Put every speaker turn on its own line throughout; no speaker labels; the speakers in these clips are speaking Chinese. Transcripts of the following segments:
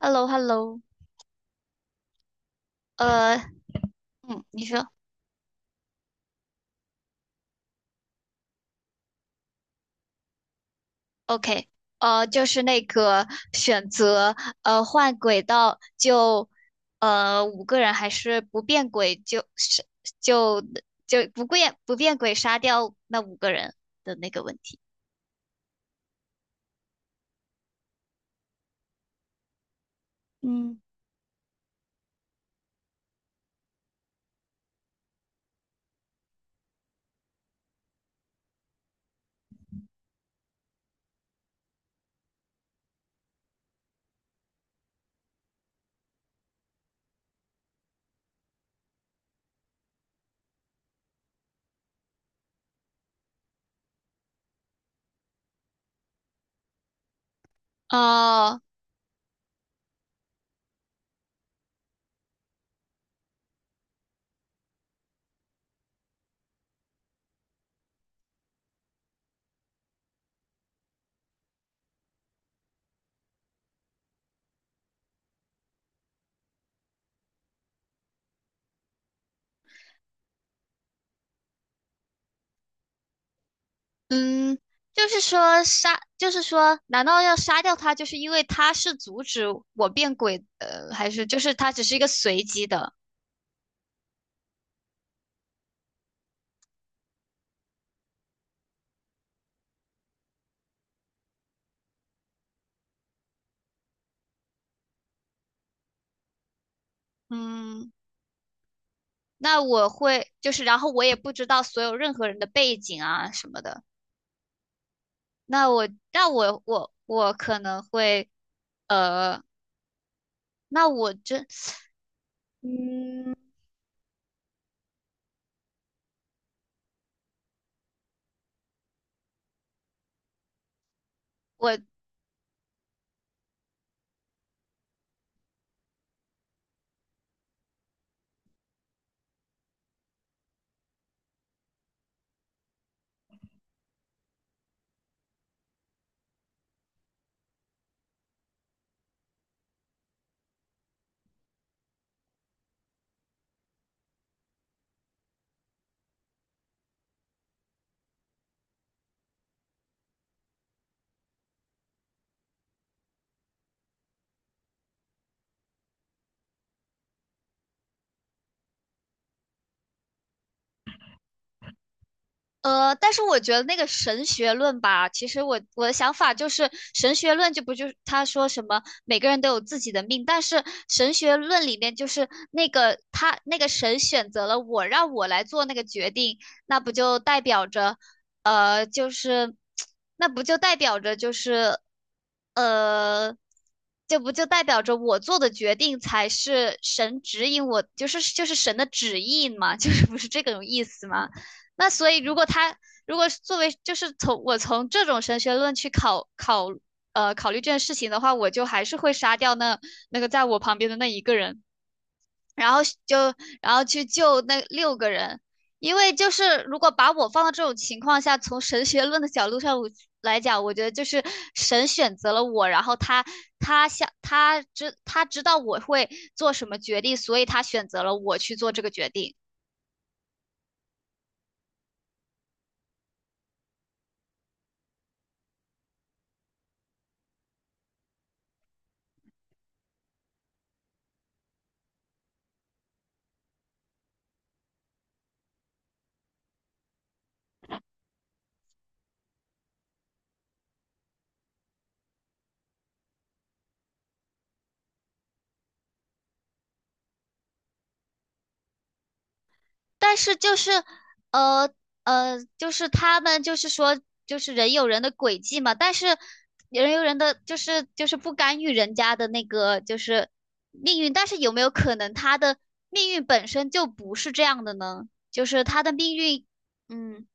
h e l l o h e l l o。 呃，嗯，你说。OK。就是那个选择，换轨道就，五个人，还是不变轨，就是就不变轨杀掉那五个人的那个问题。嗯。哦。嗯。就是说杀，就是说，难道要杀掉他，就是因为他是阻止我变轨，还是就是他只是一个随机的？嗯。那我会，就是，然后我也不知道所有任何人的背景啊什么的。那我可能会呃，那我这嗯。我。但是我觉得那个神学论吧，其实我的想法就是，神学论不就是他说什么每个人都有自己的命，但是神学论里面就是那个他那个神选择了我，让我来做那个决定，那不就代表着，呃，就是那不就代表着呃，这不就代表着我做的决定才是神指引我，就是就是神的旨意嘛，就是不是这种意思吗？那所以，如果他如果作为就是从我从这种神学论去考虑这件事情的话，我就还是会杀掉那个在我旁边的那一个人，然后就然后去救那六个人，因为就是如果把我放到这种情况下，从神学论的角度上来讲，我觉得就是神选择了我，然后他知道我会做什么决定，所以他选择了我去做这个决定。但是就是，呃就是他们就是说，就是人有人的轨迹嘛，但是人有人的就是就是不干预人家的那个就是命运，但是有没有可能他的命运本身就不是这样的呢？就是他的命运。嗯。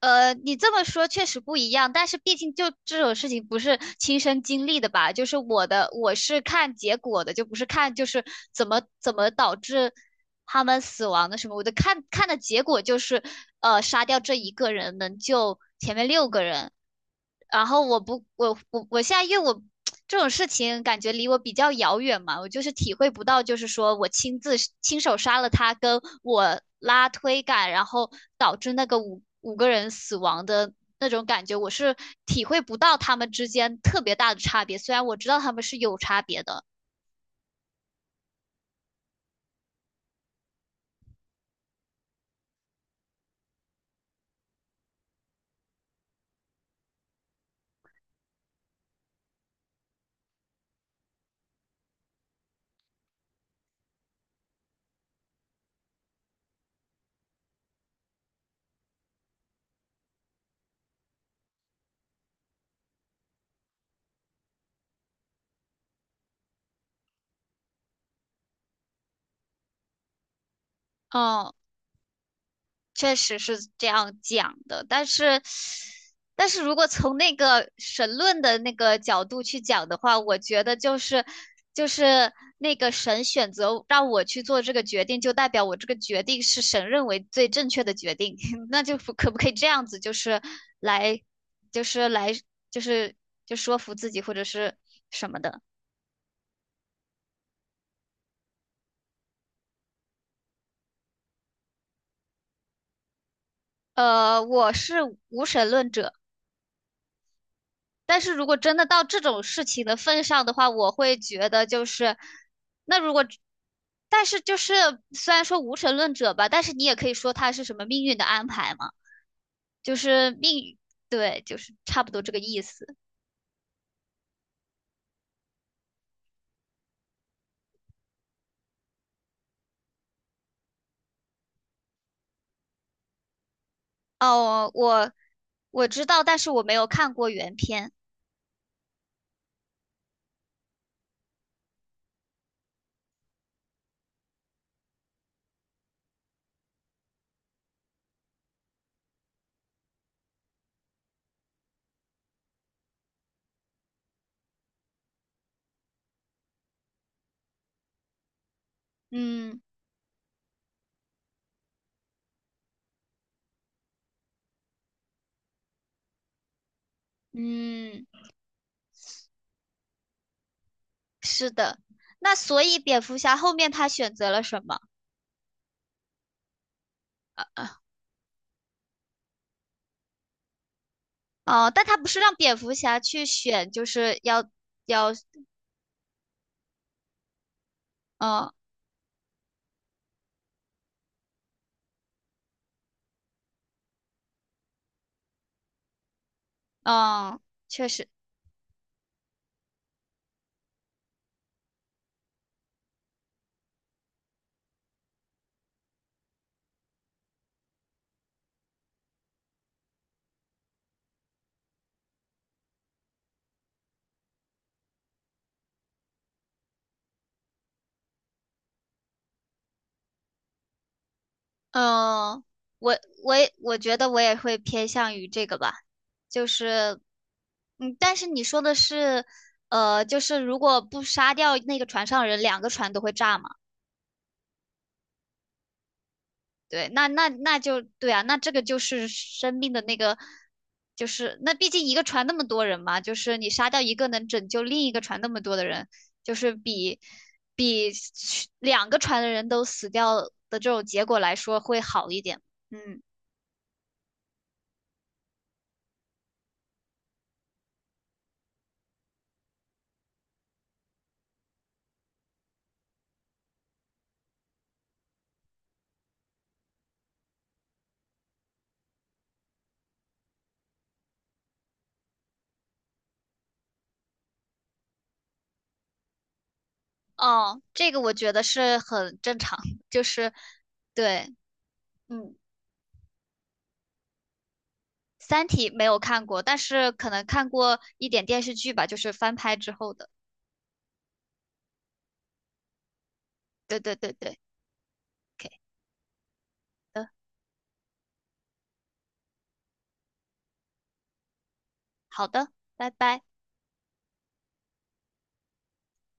你这么说确实不一样，但是毕竟就这种事情不是亲身经历的吧？就是我的，我是看结果的，就不是看就是怎么导致他们死亡的什么。我的看的结果就是，杀掉这一个人能救前面六个人。然后我不，我现在因为我这种事情感觉离我比较遥远嘛，我就是体会不到，就是说我亲自亲手杀了他，跟我拉推杆，然后导致那个五个人死亡的那种感觉，我是体会不到他们之间特别大的差别，虽然我知道他们是有差别的。嗯。确实是这样讲的，但是，但是如果从那个神论的那个角度去讲的话，我觉得就是那个神选择让我去做这个决定，就代表我这个决定是神认为最正确的决定，那就可不可以这样子，就是来就是来就是就说服自己或者是什么的。我是无神论者。但是如果真的到这种事情的份上的话，我会觉得就是，那如果，但是就是虽然说无神论者吧，但是你也可以说他是什么命运的安排嘛，就是命运。对，就是差不多这个意思。哦，我知道，但是我没有看过原片。嗯。嗯。是的。那所以蝙蝠侠后面他选择了什么？呃哦，但他不是让蝙蝠侠去选，就是要要。哦。嗯。确实。嗯，我觉得我也会偏向于这个吧，就是，嗯，但是你说的是，就是如果不杀掉那个船上人，两个船都会炸嘛？对，那那那就对啊，那这个就是生命的那个，就是那毕竟一个船那么多人嘛，就是你杀掉一个能拯救另一个船那么多的人，就是比两个船的人都死掉的这种结果来说会好一点。嗯。哦，这个我觉得是很正常，就是对。嗯，《三体》没有看过，但是可能看过一点电视剧吧，就是翻拍之后的。对对对对，OK 的，好的，拜拜。